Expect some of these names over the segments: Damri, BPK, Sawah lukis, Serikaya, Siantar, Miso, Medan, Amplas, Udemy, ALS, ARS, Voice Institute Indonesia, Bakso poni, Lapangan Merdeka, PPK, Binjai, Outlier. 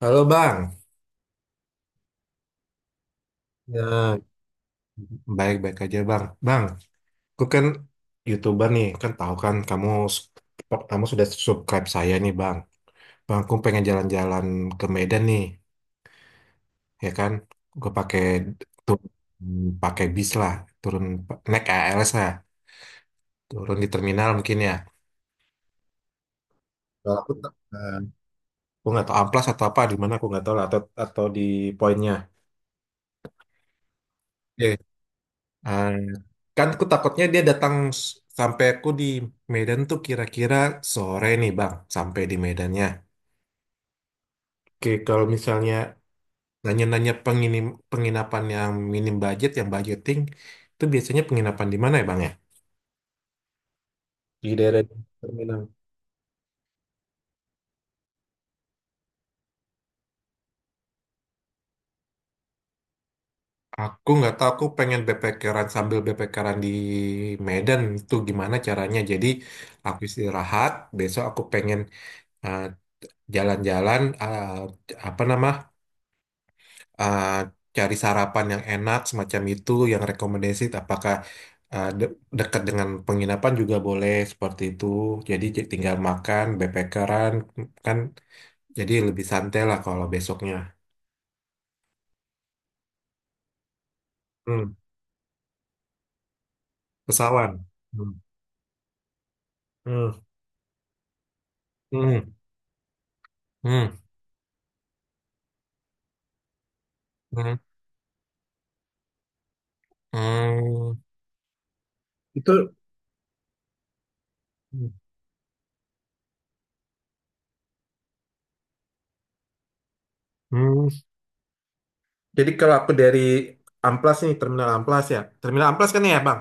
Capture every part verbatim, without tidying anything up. Halo Bang, ya baik-baik aja Bang. Bang, aku kan YouTuber nih, kan tahu kan kamu kamu sudah subscribe saya nih Bang. Bang, aku pengen jalan-jalan ke Medan nih, ya kan? Gue pakai tuh pakai bis lah, turun naik A L S lah, turun di terminal mungkin ya. Kalau aku eh, aku nggak tahu amplas atau apa di mana aku nggak tahu lah atau atau di poinnya. Ah, kan aku takutnya dia datang s- sampai aku di Medan tuh kira-kira sore nih Bang, sampai di Medannya. Oke, kalau misalnya nanya-nanya penginim, penginapan yang minim budget, yang budgeting, itu biasanya penginapan di mana ya Bang ya? Di daerah terminal. Aku nggak tahu, aku pengen backpackeran sambil backpackeran di Medan itu gimana caranya. Jadi aku istirahat, besok aku pengen eh, jalan-jalan, eh, apa nama eh, cari sarapan yang enak semacam itu yang rekomendasi apakah eh, de- dekat dengan penginapan juga boleh seperti itu jadi j- tinggal makan backpackeran kan jadi lebih santai lah kalau besoknya. Hmm. Pesawat. Hmm. Hmm. Hmm. Hmm. Hmm. Hmm. Itu. Hmm. Jadi kalau aku dari Amplas nih terminal Amplas ya terminal Amplas kan ya Bang.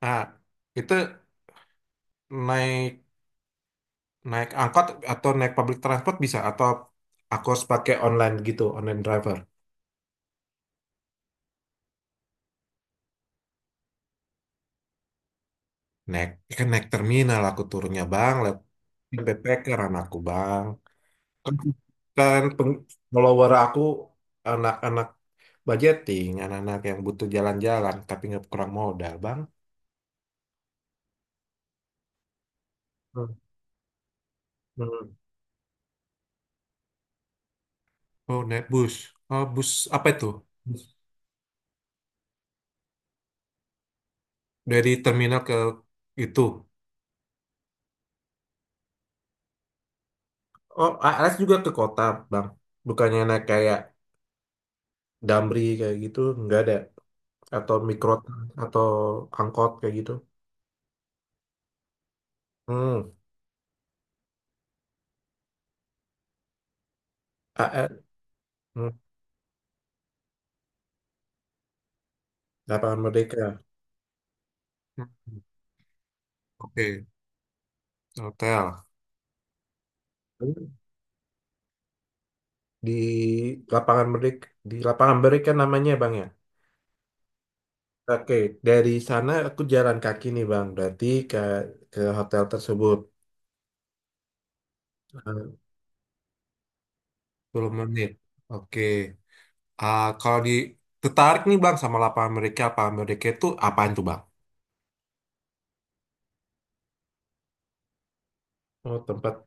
Ah, itu naik Naik angkot atau naik public transport bisa atau aku harus pakai online gitu, online driver. Naik, ya kan naik terminal aku turunnya bang, lihat P P K anakku bang. Kan, kan peng- follower aku anak-anak budgeting, anak-anak yang butuh jalan-jalan tapi nggak kurang modal bang. Hmm. Hmm. Oh naik bus, oh bus apa itu? Bus. Dari terminal ke itu. Oh A R S juga ke kota bang, bukannya naik kayak Damri kayak gitu, nggak ada. Atau mikro atau angkot kayak gitu. Hmm. A R. Hmm. Lapangan Merdeka. Hmm. Oke. Hotel. Hmm. Di lapangan Merdeka, di lapangan Merdeka namanya bang ya. Oke, dari sana aku jalan kaki nih bang, berarti ke ke hotel tersebut. eh, sepuluh menit. Oke. Ah, kalau di tertarik nih bang sama lapangan Merdeka, lapangan Merdeka itu apaan tuh bang? Oh tempat.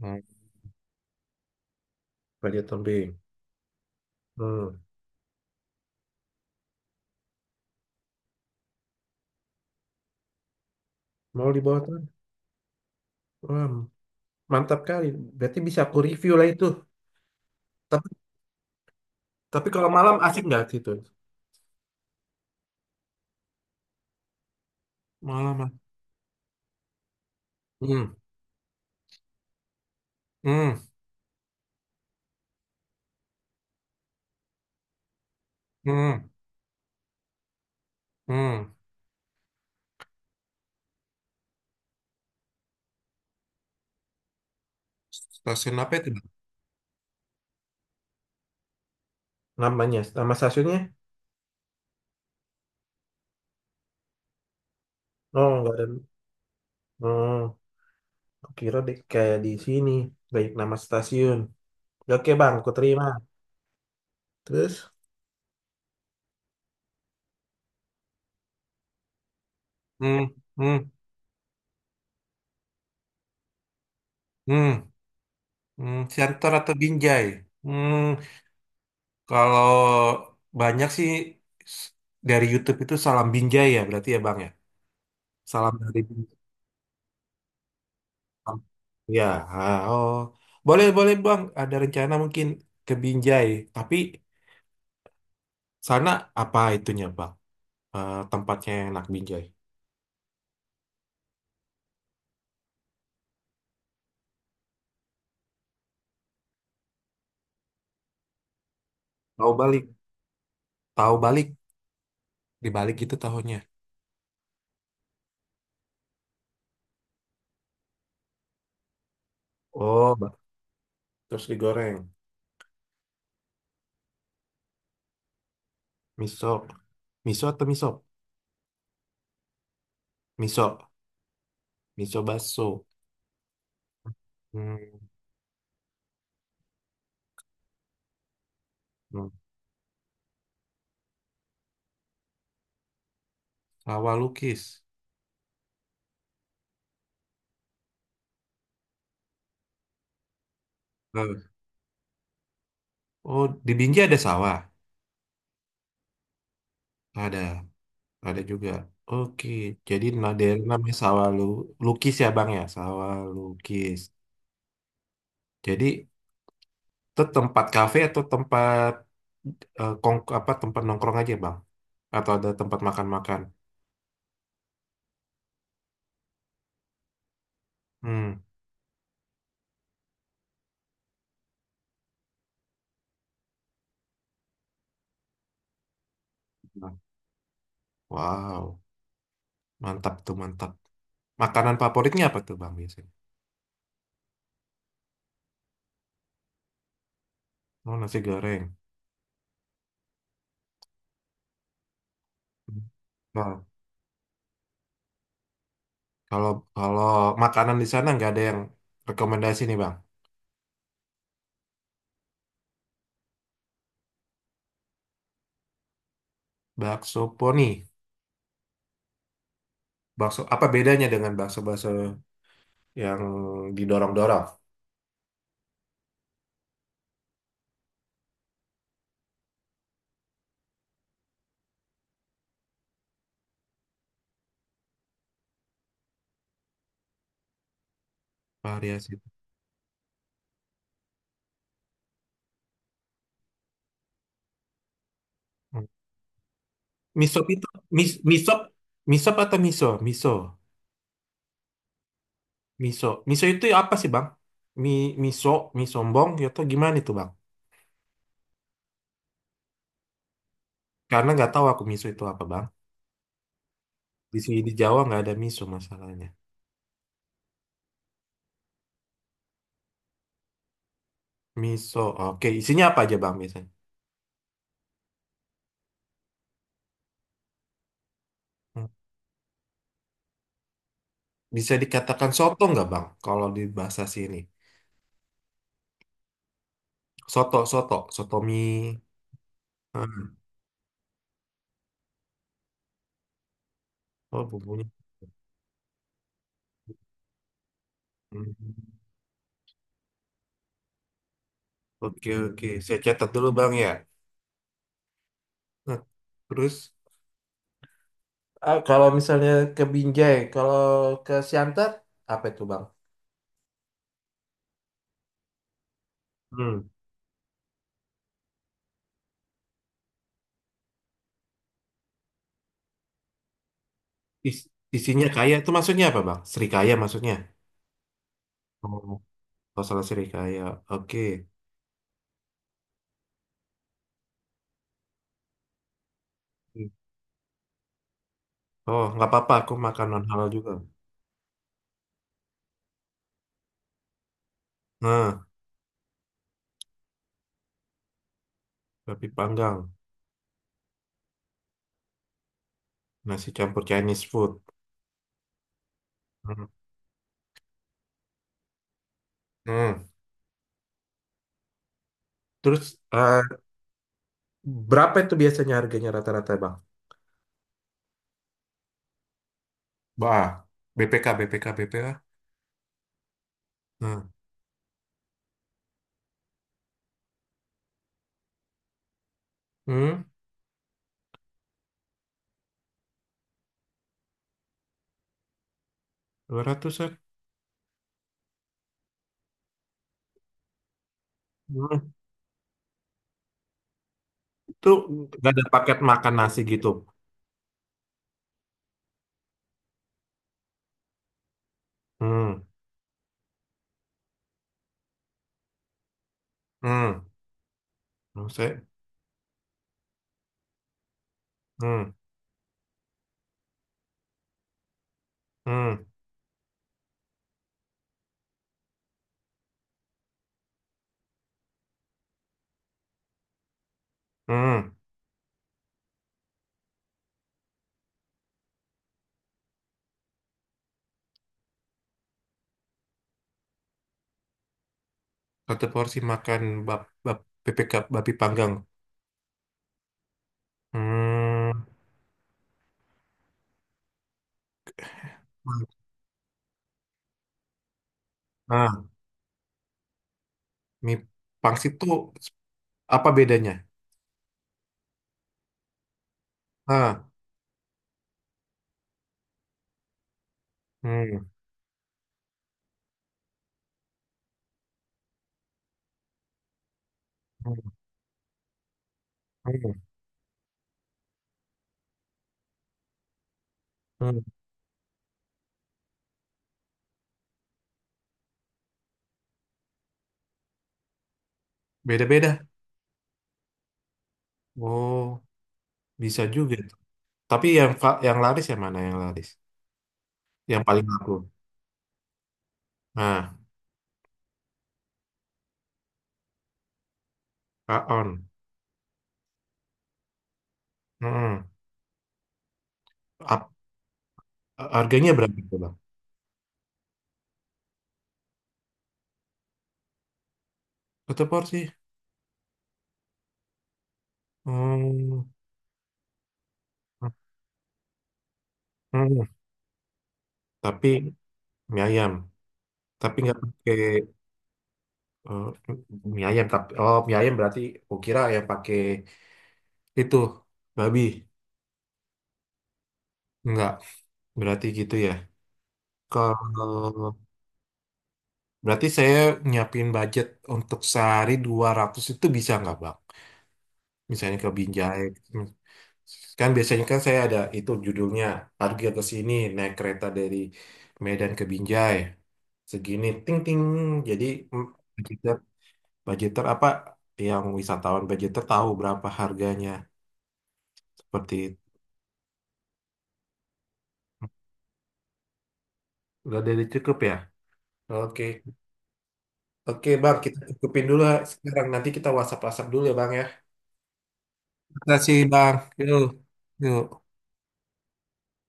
Hmm. Panjat tebing. Hmm. Mau di bawah tanah? Wah, mantap kali. Berarti bisa aku review lah itu. Tapi tapi kalau malam asik nggak situ? Malam. Ah. Hmm. Hmm. Hmm. Hmm. Stasiun apa itu? Namanya, nama stasiunnya? Oh, nggak ada. Oh, aku kira di, kayak di sini. Baik nama stasiun. Oke bang, aku terima. Terus? Hmm. Hmm. Hmm. Hmm. Siantar atau Binjai? Hmm. Kalau banyak sih s- dari YouTube itu salam Binjai ya berarti ya bang ya. Salam dari Binjai. Ya, ah, oh. Boleh, boleh Bang. Ada rencana mungkin ke Binjai. Tapi sana apa itunya Bang? Eh, tempatnya yang enak Binjai. Tahu balik. Tahu balik. Dibalik itu tahunya. Oh, Bang. Terus digoreng. Miso. Miso atau miso? Miso. Miso baso. Hmm. Hmm. Sawah lukis. Eh, Oh, di Binjai ada sawah? Ada. Ada juga. Oke. Jadi nah, daerah namanya sawah lu lukis ya Bang ya? Sawah lukis. Jadi itu tempat kafe atau tempat eh, kong, apa tempat nongkrong aja bang? Atau ada tempat makan-makan? Hmm. Bang. Wow, mantap tuh mantap. Makanan favoritnya apa tuh bang biasanya? Oh nasi goreng. Hmm. Nah, kalau kalau makanan di sana nggak ada yang rekomendasi nih bang. Bakso poni. Bakso apa bedanya dengan bakso-bakso yang didorong-dorong? Variasi. Hmm. Misop itu mis, misop misop atau miso? Miso? Miso. Miso itu apa sih, Bang? Mi, miso, mie sombong, ya atau gimana itu, Bang? Karena nggak tahu aku miso itu apa, Bang. Di sini di Jawa nggak ada miso masalahnya. Miso, oke. Isinya apa aja, Bang, biasanya? Hmm. Bisa dikatakan soto nggak, Bang? Kalau di bahasa sini. Soto, soto. Soto mie. Hmm. Oh, bumbunya. Hmm. Oke, oke. Saya catat dulu, Bang, ya. Nah, terus, ah, kalau misalnya ke Binjai, kalau ke Siantar, apa itu, Bang? Is- isinya kaya itu maksudnya apa, Bang? Serikaya maksudnya? Oh, kalau salah serikaya. Oke. Oh, nggak apa-apa. Aku makan non halal juga. Nah, tapi panggang, nasi campur Chinese food. Hmm. Hmm. Terus eh, berapa itu biasanya harganya rata-rata, Bang? Bah, B P K, B P K, B P K. Nah, hmm, dua ratusan-an. Hmm. Itu nggak ada paket makan nasi gitu. Hmm, hmm. Maksudnya, hmm, hmm, hmm. Satu porsi makan bab, bab, bebek ga- babi panggang. Hmm. Nah, mie pangsit tuh apa bedanya? Ah, hmm, hmm, hmm, hmm. Beda-beda. Oh, bisa juga. Tapi yang fa- yang laris yang mana yang laris? Yang paling laku. Nah, Aon. Hmm. Ap- harganya berapa tuh, Bang? Satu porsi. Hmm. Hmm. Hmm. Tapi mie ayam. Tapi nggak pakai Eh, mie ayam tapi oh mie ayam berarti aku kira ya pakai itu babi enggak berarti gitu ya kalau berarti saya nyiapin budget untuk sehari dua ratus itu bisa nggak Bang misalnya ke Binjai. Hmm. Kan biasanya kan saya ada itu judulnya harga ke sini naik kereta dari Medan ke Binjai segini ting ting jadi mm, budgeter budgeter apa yang wisatawan budgeter tahu berapa harganya seperti itu. Udah dari cukup ya? Oke. Oke, Bang, kita cukupin dulu ya sekarang. Nanti kita WhatsApp-WhatsApp dulu ya, Bang ya. Terima kasih, Bang. Yuk, yuk.